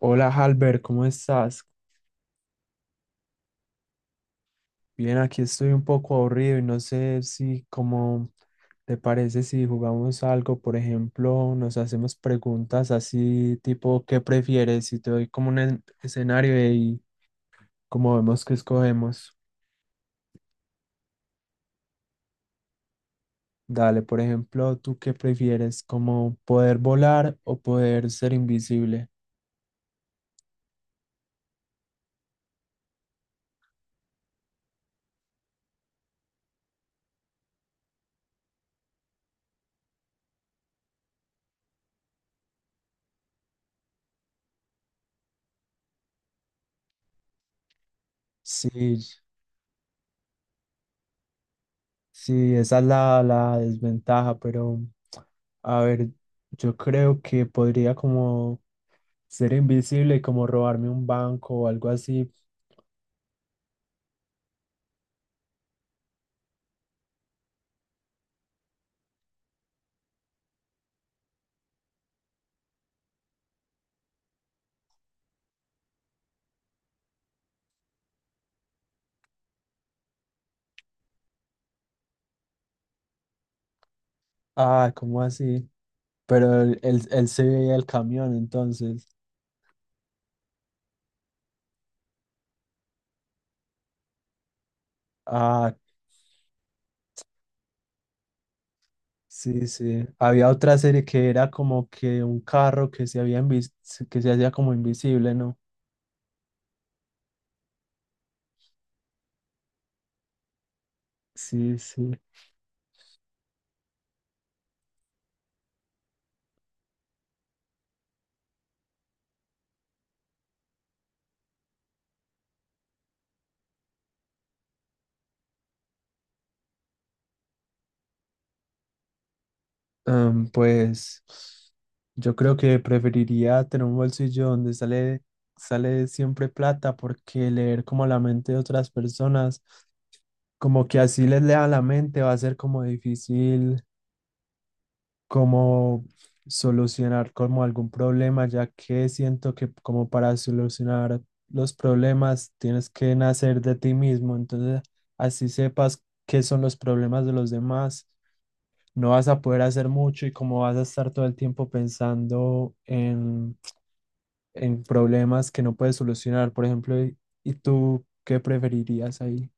Hola, Halber, ¿cómo estás? Bien, aquí estoy un poco aburrido y no sé si, como te parece, si jugamos algo, por ejemplo, nos hacemos preguntas así, tipo, ¿qué prefieres? Y te doy como un escenario y como vemos que escogemos. Dale, por ejemplo, ¿tú qué prefieres? ¿Como poder volar o poder ser invisible? Sí, sí, esa es la desventaja, pero a ver, yo creo que podría como ser invisible, como robarme un banco o algo así. Ah, ¿cómo así? Pero él se veía el camión, entonces. Ah, sí, sí. Había otra serie que era como que un carro que se había que se hacía como invisible, ¿no? Sí, sí. Pues yo creo que preferiría tener un bolsillo donde sale siempre plata, porque leer como la mente de otras personas, como que así les lea la mente, va a ser como difícil como solucionar como algún problema, ya que siento que como para solucionar los problemas tienes que nacer de ti mismo, entonces así sepas qué son los problemas de los demás, no vas a poder hacer mucho y como vas a estar todo el tiempo pensando en problemas que no puedes solucionar. Por ejemplo, y tú qué preferirías ahí?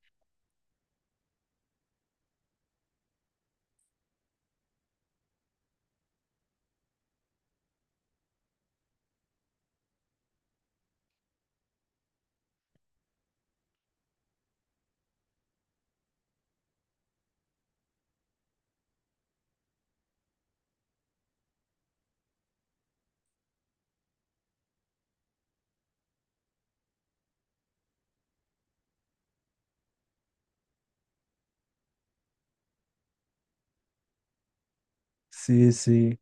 Sí, sí.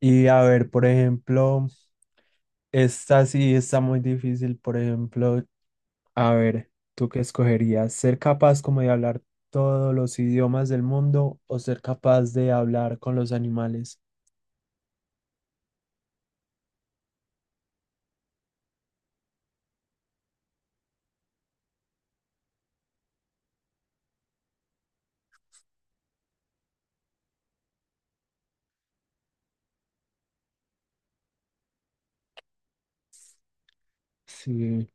Y a ver, por ejemplo, esta sí está muy difícil. Por ejemplo, a ver, ¿tú qué escogerías? ¿Ser capaz como de hablar todos los idiomas del mundo o ser capaz de hablar con los animales? Sí,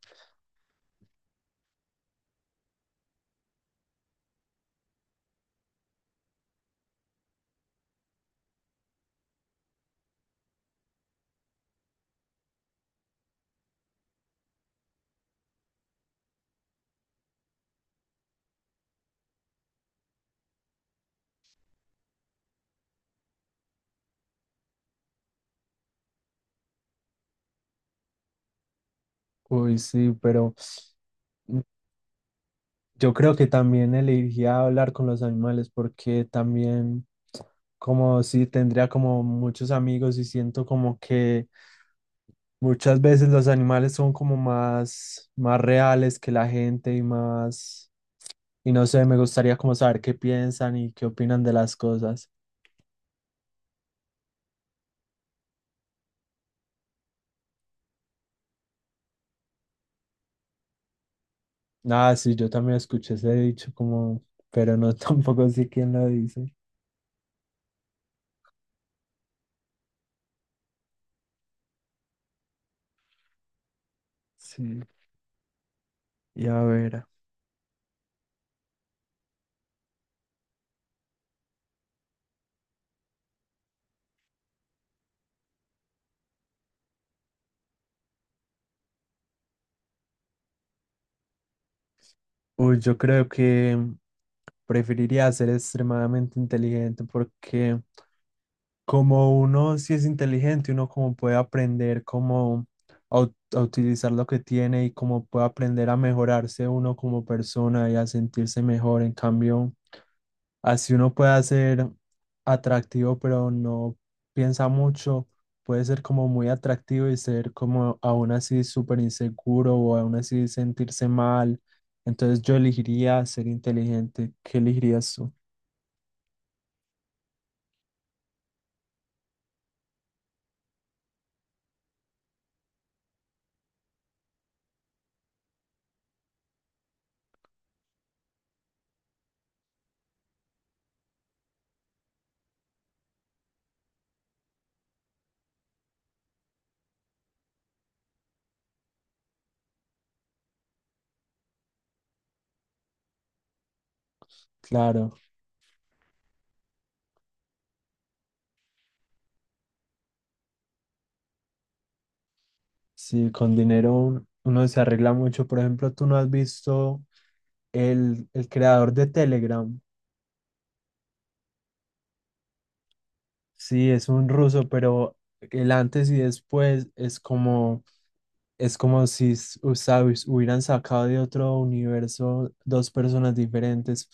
uy, sí, pero mm, yo creo que también elegiría hablar con los animales, porque también como si tendría como muchos amigos y siento como que muchas veces los animales son como más, más reales que la gente y más, y no sé, me gustaría como saber qué piensan y qué opinan de las cosas. Ah, sí, yo también escuché ese dicho como, pero no tampoco sé quién lo dice. Sí, y a ver. Uy, yo creo que preferiría ser extremadamente inteligente, porque como uno sí es inteligente, uno como puede aprender como a, a utilizar lo que tiene y como puede aprender a mejorarse uno como persona y a sentirse mejor. En cambio, así uno puede ser atractivo, pero no piensa mucho. Puede ser como muy atractivo y ser como aún así súper inseguro o aún así sentirse mal. Entonces yo elegiría ser inteligente. ¿Qué elegirías tú? Claro, sí, con dinero uno se arregla mucho. Por ejemplo, tú no has visto el creador de Telegram. Sí, es un ruso, pero el antes y después es como es como si o sea, hubieran sacado de otro universo dos personas diferentes,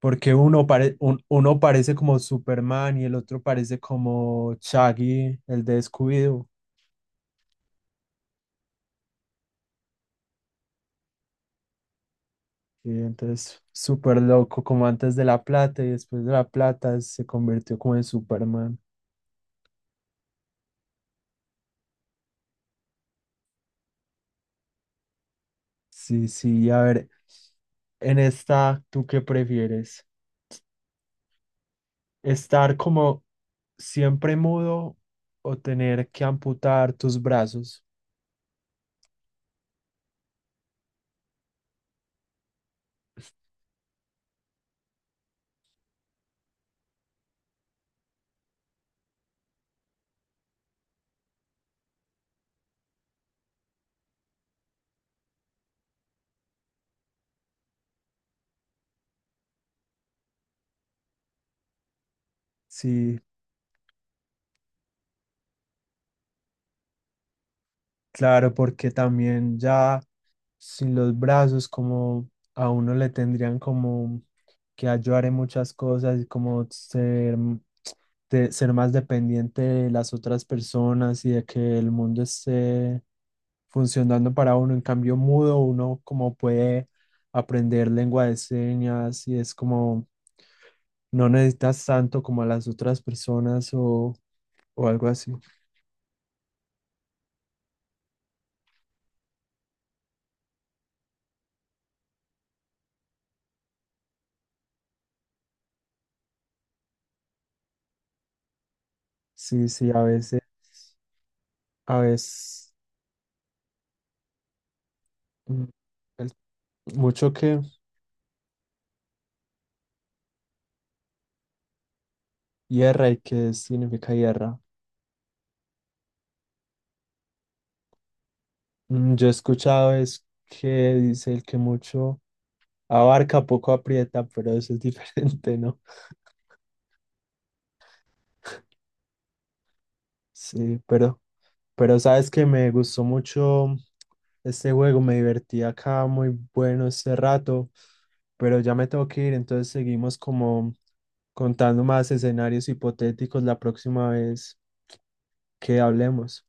porque uno, uno parece como Superman y el otro parece como Shaggy, el de Scooby-Doo. Y entonces, súper loco, como antes de la plata y después de la plata se convirtió como en Superman. Sí, sí, a ver, en esta, ¿tú qué prefieres? ¿Estar como siempre mudo o tener que amputar tus brazos? Sí. Claro, porque también ya sin los brazos, como a uno le tendrían como que ayudar en muchas cosas y como ser, ser más dependiente de las otras personas y de que el mundo esté funcionando para uno. En cambio, mudo, uno como puede aprender lengua de señas y es como no necesitas tanto como a las otras personas o algo así. Sí, sí, a veces. A veces, mm, el- mucho que hierra. ¿Y qué significa hierra? Mm, yo he escuchado es que dice el que mucho abarca, poco aprieta, pero eso es diferente, ¿no? Sí, pero sabes que me gustó mucho este juego, me divertí acá, muy bueno este rato, pero ya me tengo que ir, entonces seguimos como contando más escenarios hipotéticos la próxima vez que hablemos.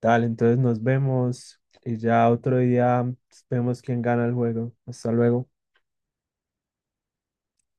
Tal, entonces nos vemos y ya otro día vemos quién gana el juego. Hasta luego.